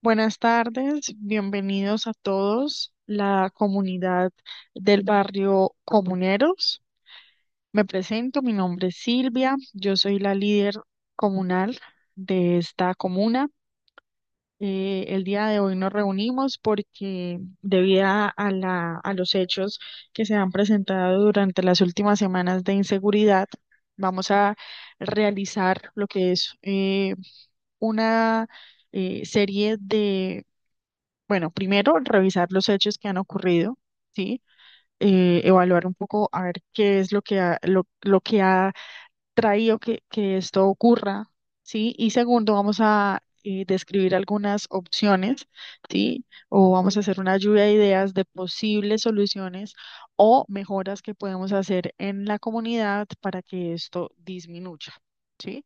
Buenas tardes, bienvenidos a todos, la comunidad del barrio Comuneros. Me presento, mi nombre es Silvia, yo soy la líder comunal de esta comuna. El día de hoy nos reunimos porque debido a los hechos que se han presentado durante las últimas semanas de inseguridad, vamos a realizar lo que es una serie de, bueno, primero revisar los hechos que han ocurrido, ¿sí? Evaluar un poco a ver qué es lo que ha traído que esto ocurra, ¿sí? Y segundo, vamos a describir algunas opciones, ¿sí? O vamos a hacer una lluvia de ideas de posibles soluciones o mejoras que podemos hacer en la comunidad para que esto disminuya, ¿sí?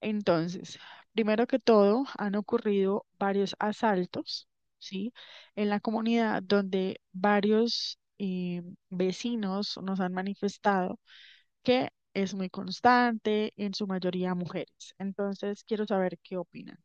Entonces, primero que todo, han ocurrido varios asaltos, ¿sí? En la comunidad donde varios vecinos nos han manifestado que es muy constante, en su mayoría mujeres. Entonces, quiero saber qué opinan.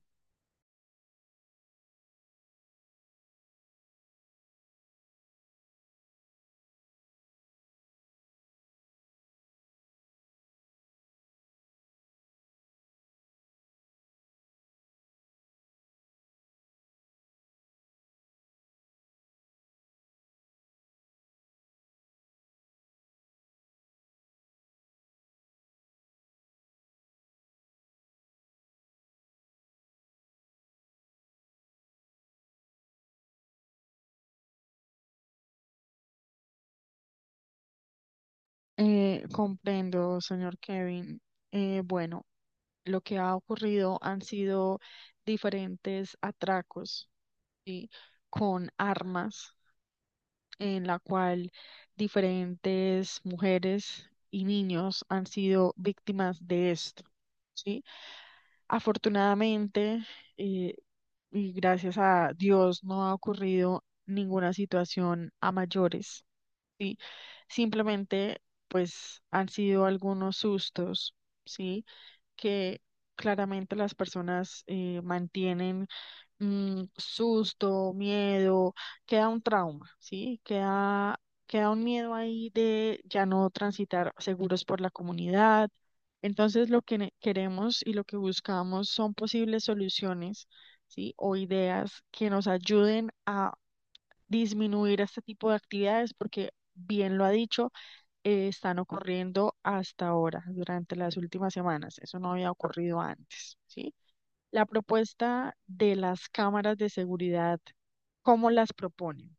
Comprendo, señor Kevin. Bueno, lo que ha ocurrido han sido diferentes atracos, ¿sí? Con armas en la cual diferentes mujeres y niños han sido víctimas de esto, ¿sí? Afortunadamente, eh, y gracias a Dios, no ha ocurrido ninguna situación a mayores. Sí, simplemente pues han sido algunos sustos, ¿sí? Que claramente las personas mantienen susto, miedo, queda un trauma, ¿sí? Queda un miedo ahí de ya no transitar seguros por la comunidad. Entonces lo que queremos y lo que buscamos son posibles soluciones, ¿sí? O ideas que nos ayuden a disminuir este tipo de actividades, porque bien lo ha dicho, están ocurriendo hasta ahora, durante las últimas semanas. Eso no había ocurrido antes, ¿sí? La propuesta de las cámaras de seguridad, ¿cómo las proponen?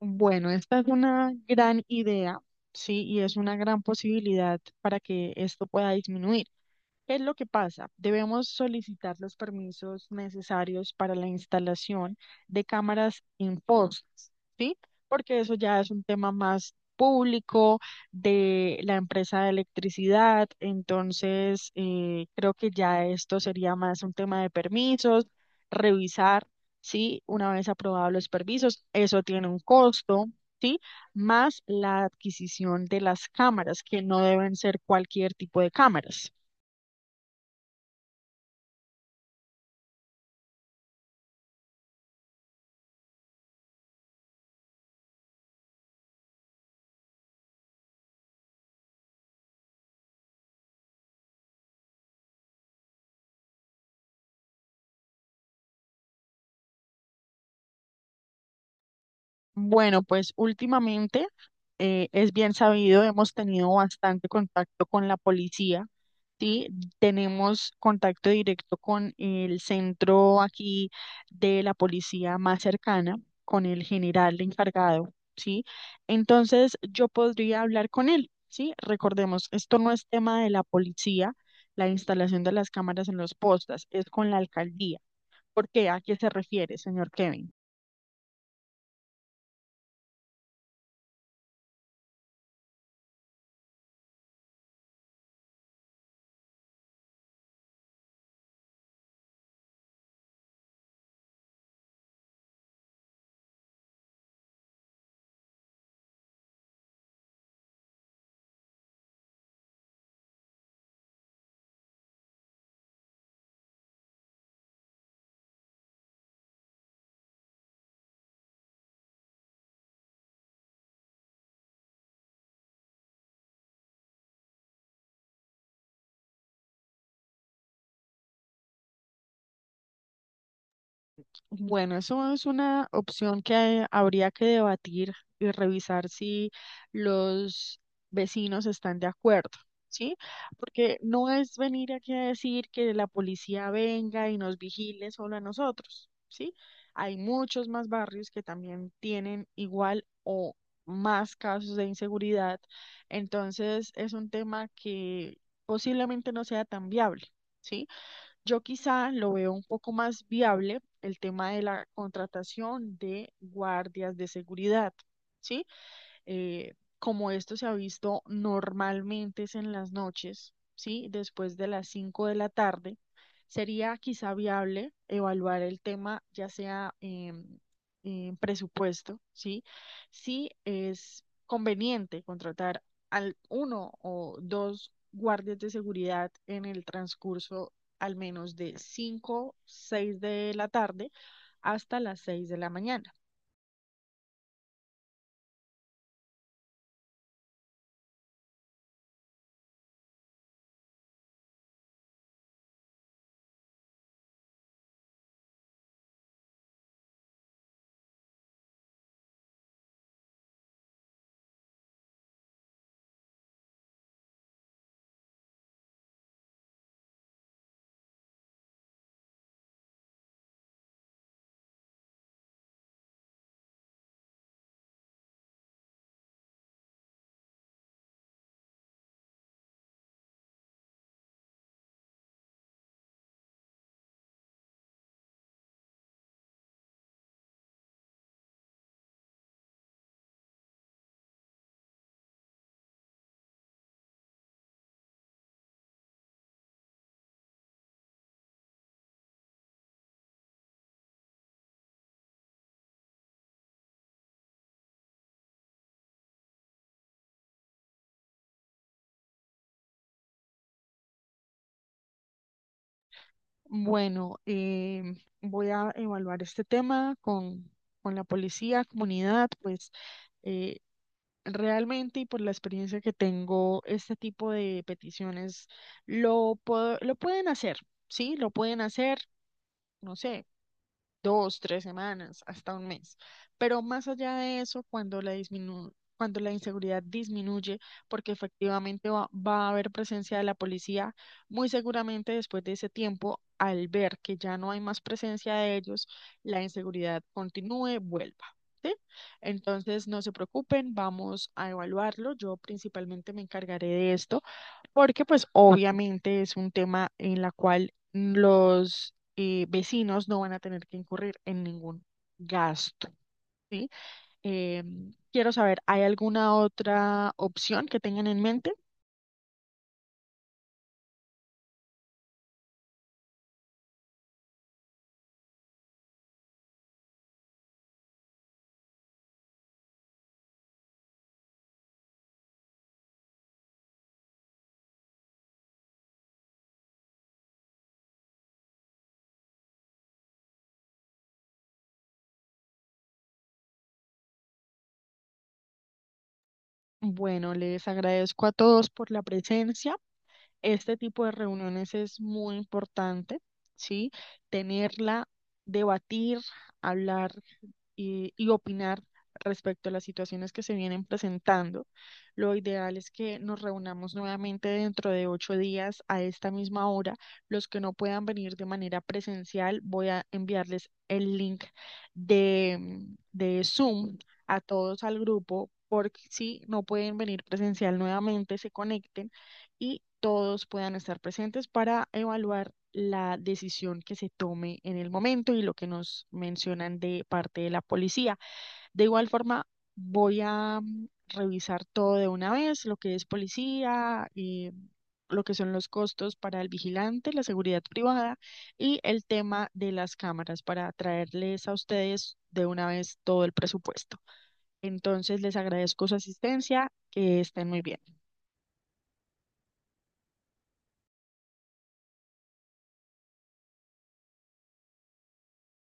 Bueno, esta es una gran idea, ¿sí? Y es una gran posibilidad para que esto pueda disminuir. ¿Qué es lo que pasa? Debemos solicitar los permisos necesarios para la instalación de cámaras en fosas, ¿sí? Porque eso ya es un tema más público de la empresa de electricidad, entonces creo que ya esto sería más un tema de permisos, revisar, ¿sí? Una vez aprobados los permisos, eso tiene un costo. ¿Sí? Más la adquisición de las cámaras, que no deben ser cualquier tipo de cámaras. Bueno, pues últimamente es bien sabido, hemos tenido bastante contacto con la policía, ¿sí? Tenemos contacto directo con el centro aquí de la policía más cercana, con el general encargado, ¿sí? Entonces yo podría hablar con él, ¿sí? Recordemos, esto no es tema de la policía, la instalación de las cámaras en los postas, es con la alcaldía. ¿Por qué? ¿A qué se refiere, señor Kevin? Bueno, eso es una opción que habría que debatir y revisar si los vecinos están de acuerdo, ¿sí? Porque no es venir aquí a decir que la policía venga y nos vigile solo a nosotros, ¿sí? Hay muchos más barrios que también tienen igual o más casos de inseguridad, entonces es un tema que posiblemente no sea tan viable. ¿Sí? Yo quizá lo veo un poco más viable el tema de la contratación de guardias de seguridad, ¿sí? Como esto se ha visto normalmente es en las noches, ¿sí? Después de las 5 de la tarde, sería quizá viable evaluar el tema ya sea en, presupuesto, ¿sí? Si es conveniente contratar al uno o dos guardias de seguridad en el transcurso al menos de 5, 6 de la tarde hasta las 6 de la mañana. Bueno, voy a evaluar este tema con la policía, comunidad, pues eh, realmente y por la experiencia que tengo, este tipo de peticiones lo pueden hacer, ¿sí? Lo pueden hacer, no sé 2, 3 semanas, hasta un mes. Pero más allá de eso, cuando la inseguridad disminuye, porque efectivamente va a haber presencia de la policía, muy seguramente después de ese tiempo, al ver que ya no hay más presencia de ellos, la inseguridad continúe, vuelva. ¿Sí? Entonces, no se preocupen, vamos a evaluarlo. Yo principalmente me encargaré de esto. Porque pues obviamente es un tema en la cual los vecinos no van a tener que incurrir en ningún gasto, ¿sí? Eh, Quiero saber, ¿hay alguna otra opción que tengan en mente? Bueno, les agradezco a todos por la presencia. Este tipo de reuniones es muy importante, ¿sí? Tenerla, debatir, hablar y opinar respecto a las situaciones que se vienen presentando. Lo ideal es que nos reunamos nuevamente dentro de 8 días a esta misma hora. Los que no puedan venir de manera presencial, voy a enviarles el link de Zoom a todos al grupo, porque si no pueden venir presencial nuevamente, se conecten y todos puedan estar presentes para evaluar la decisión que se tome en el momento y lo que nos mencionan de parte de la policía. De igual forma, voy a revisar todo de una vez, lo que es policía, lo que son los costos para el vigilante, la seguridad privada y el tema de las cámaras para traerles a ustedes de una vez todo el presupuesto. Entonces, les agradezco su asistencia, que estén muy bien.